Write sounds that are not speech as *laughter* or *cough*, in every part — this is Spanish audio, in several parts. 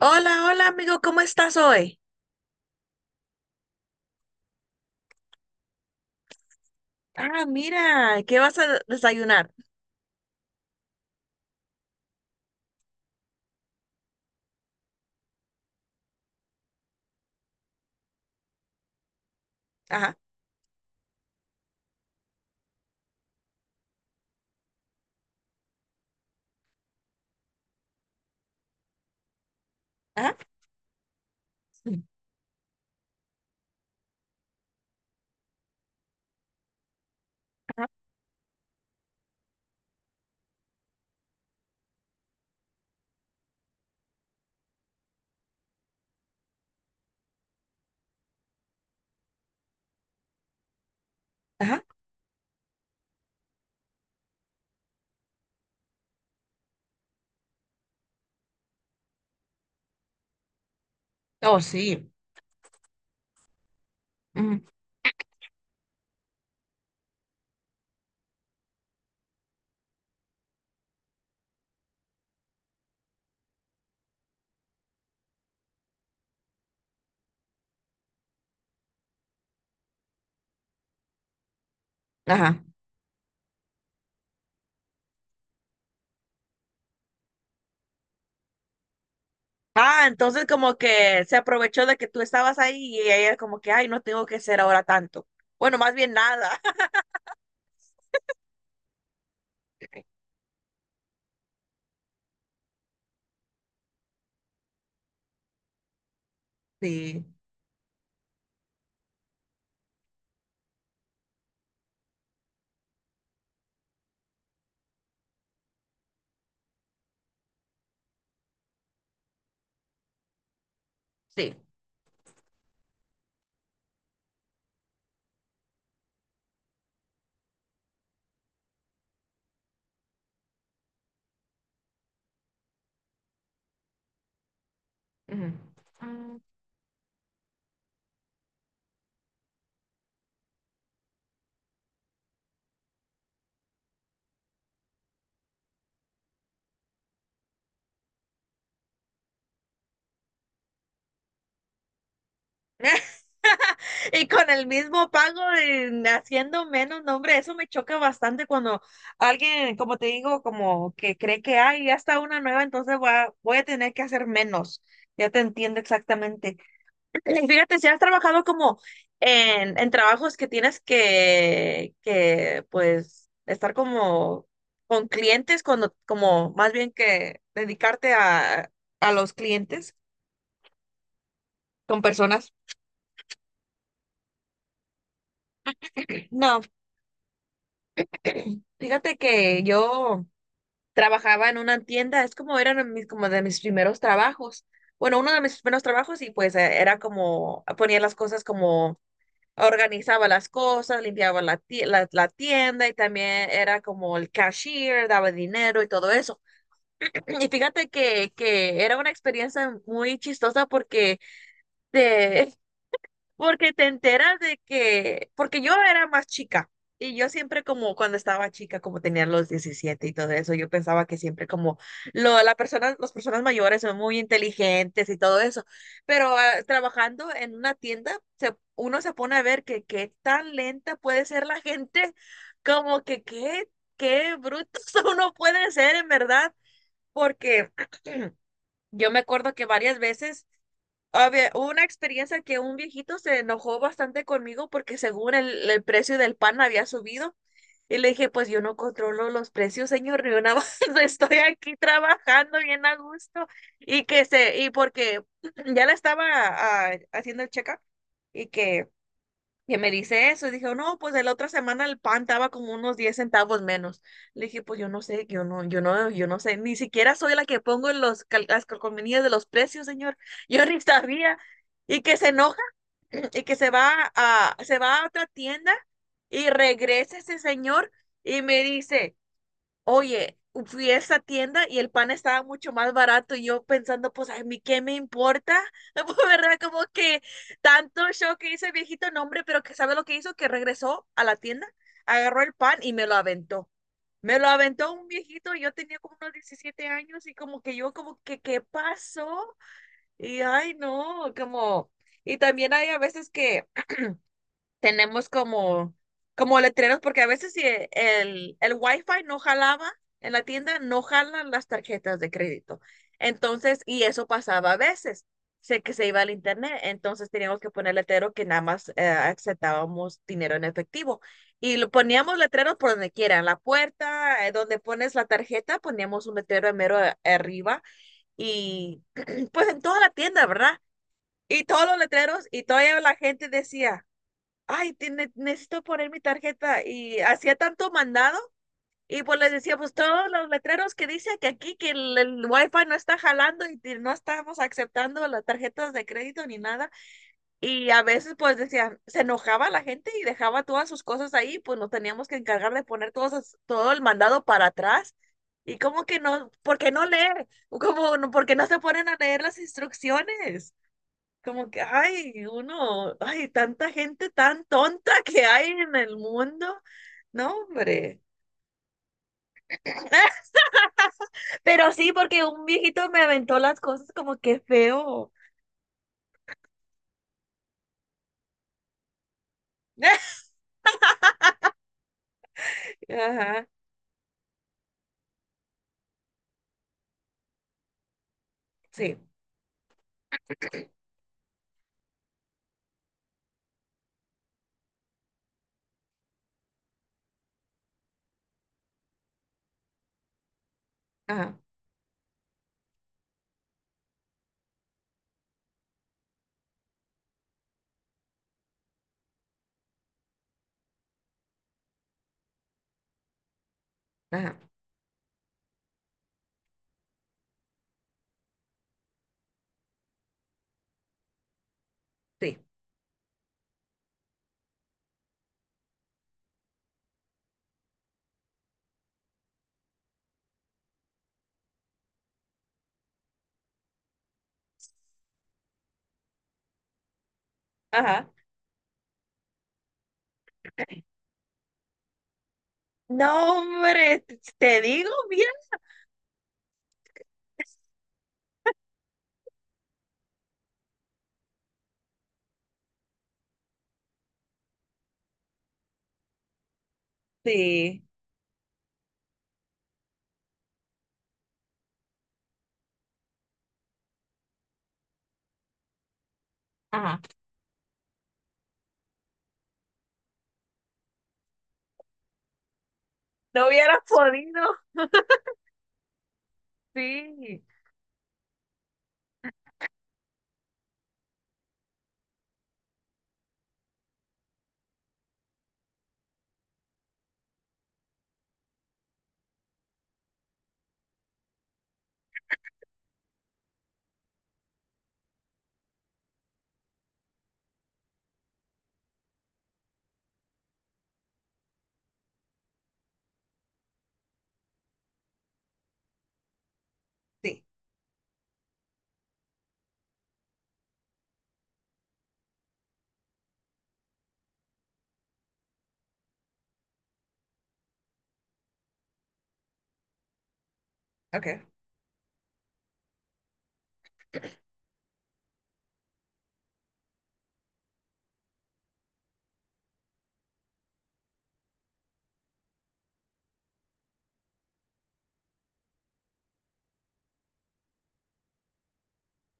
Hola, hola amigo, ¿cómo estás hoy? Ah, mira, ¿qué vas a desayunar? Ajá, ajá, mm, ajá. Oh, sí. Mm. Ajá. Ah, entonces como que se aprovechó de que tú estabas ahí y ella como que, ay, no tengo que hacer ahora tanto. Bueno, más bien nada. *laughs* Sí, sí. Ujú. Mm. *laughs* Y con el mismo pago, haciendo menos, no, hombre, eso me choca bastante cuando alguien, como te digo, como que cree que, ay, ya está una nueva, entonces voy a tener que hacer menos. Ya te entiendo exactamente. *clears throat* Y fíjate, si has trabajado como en trabajos que tienes pues, estar como con clientes, cuando, como más bien que dedicarte a los clientes, con personas. No, fíjate que yo... trabajaba en una tienda, es como eran mis, como de mis primeros trabajos. Bueno, uno de mis primeros trabajos y pues era como ponía las cosas como organizaba las cosas, limpiaba la tienda y también era como el cashier, daba dinero y todo eso. *clears throat* Y fíjate que era una experiencia muy chistosa te, porque te enteras de que, porque yo era más chica y yo siempre como cuando estaba chica, como tenía los 17 y todo eso, yo pensaba que siempre como lo, la persona, las personas mayores son muy inteligentes y todo eso, pero trabajando en una tienda, se, uno se pone a ver que qué tan lenta puede ser la gente, como que qué, qué brutos *laughs* uno puede ser en verdad, porque yo me acuerdo que varias veces había hubo una experiencia que un viejito se enojó bastante conmigo porque según el precio del pan había subido. Y le dije, pues yo no controlo los precios, señor, yo nada más *laughs* estoy aquí trabajando bien a gusto. Y que se, y porque *clears throat* ya le estaba haciendo el check-up y que me dice eso. Y dije, no, pues de la otra semana el pan estaba como unos 10 centavos menos. Le dije, pues yo no sé, yo no sé, ni siquiera soy la que pongo los las calcomanías de los precios, señor. *laughs* Yo ni sabía. Y que se enoja *clears throat* y que se va a otra tienda y regresa ese señor y me dice, oye, fui a esa tienda y el pan estaba mucho más barato y yo pensando, pues a mí qué me importa. *laughs* Pues, ¿verdad? Como que tanto show que hizo el viejito nombre, pero que sabe lo que hizo, que regresó a la tienda, agarró el pan y me lo aventó. Me lo aventó un viejito, yo tenía como unos 17 años y como que yo como que, ¿qué pasó? Y ay, no, como, y también hay a veces que tenemos como, como letreros, porque a veces si el, el Wi-Fi no jalaba en la tienda, no jalan las tarjetas de crédito. Entonces, y eso pasaba a veces, sé que se iba al internet, entonces teníamos que poner letrero que nada más aceptábamos dinero en efectivo. Y lo poníamos letreros por donde quiera, en la puerta, donde pones la tarjeta, poníamos un letrero en mero arriba y *clears throat* pues en toda la tienda, ¿verdad? Y todos los letreros y toda la gente decía, ay, tiene necesito poner mi tarjeta. Y hacía tanto mandado. Y pues les decía, pues todos los letreros que dice que aquí que el wifi no está jalando y que no estamos aceptando las tarjetas de crédito ni nada. Y a veces pues decían, se enojaba la gente y dejaba todas sus cosas ahí, pues nos teníamos que encargar de poner todos, todo el mandado para atrás. Y como que no, ¿por qué no leer? Como, ¿por qué no se ponen a leer las instrucciones? Como que, ay, uno, ay, tanta gente tan tonta *laughs* que hay en el mundo. No, hombre. *laughs* Pero sí, porque un viejito me aventó las cosas como que feo. *laughs* Ajá, sí, ajá, ajá, sí, ajá. No, hombre, te digo bien. Sí, ajá. No hubiera podido. Sí, sí, ok.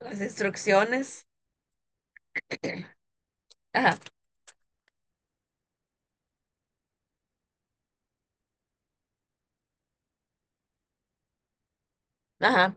Las instrucciones. *clears throat* Ajá, ajá,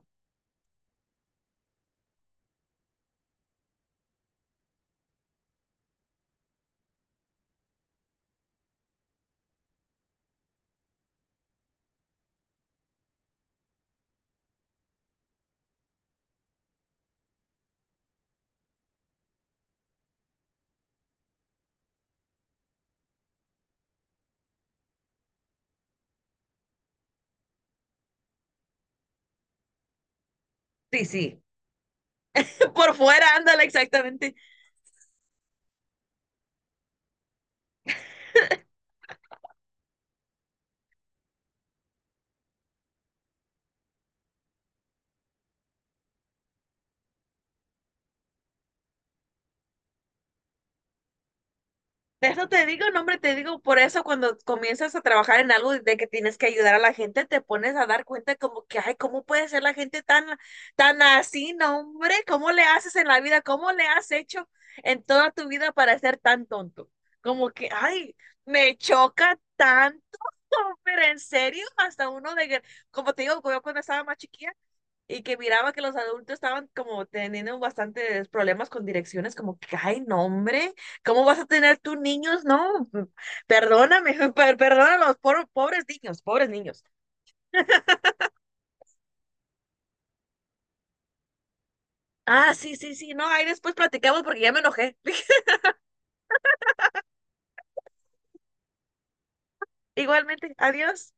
sí, sí. *laughs* Por fuera, ándale, exactamente. De eso te digo, no, hombre, te digo, por eso cuando comienzas a trabajar en algo de que tienes que ayudar a la gente, te pones a dar cuenta como que, ay, ¿cómo puede ser la gente tan, tan así, no, hombre? ¿Cómo le haces en la vida? ¿Cómo le has hecho en toda tu vida para ser tan tonto? Como que, ay, me choca tanto, *laughs* pero en serio, hasta uno de, que- como te digo, yo cuando estaba más chiquilla, y que miraba que los adultos estaban como teniendo bastantes problemas con direcciones, como que, ay, no, hombre, ¿cómo vas a tener tus niños? No, mm, perdóname, *laughs* perdona a los pobres niños, pobres niños. Ah, sí, sí, sí, no, ahí después platicamos porque ya me enojé. *laughs* Igualmente, adiós.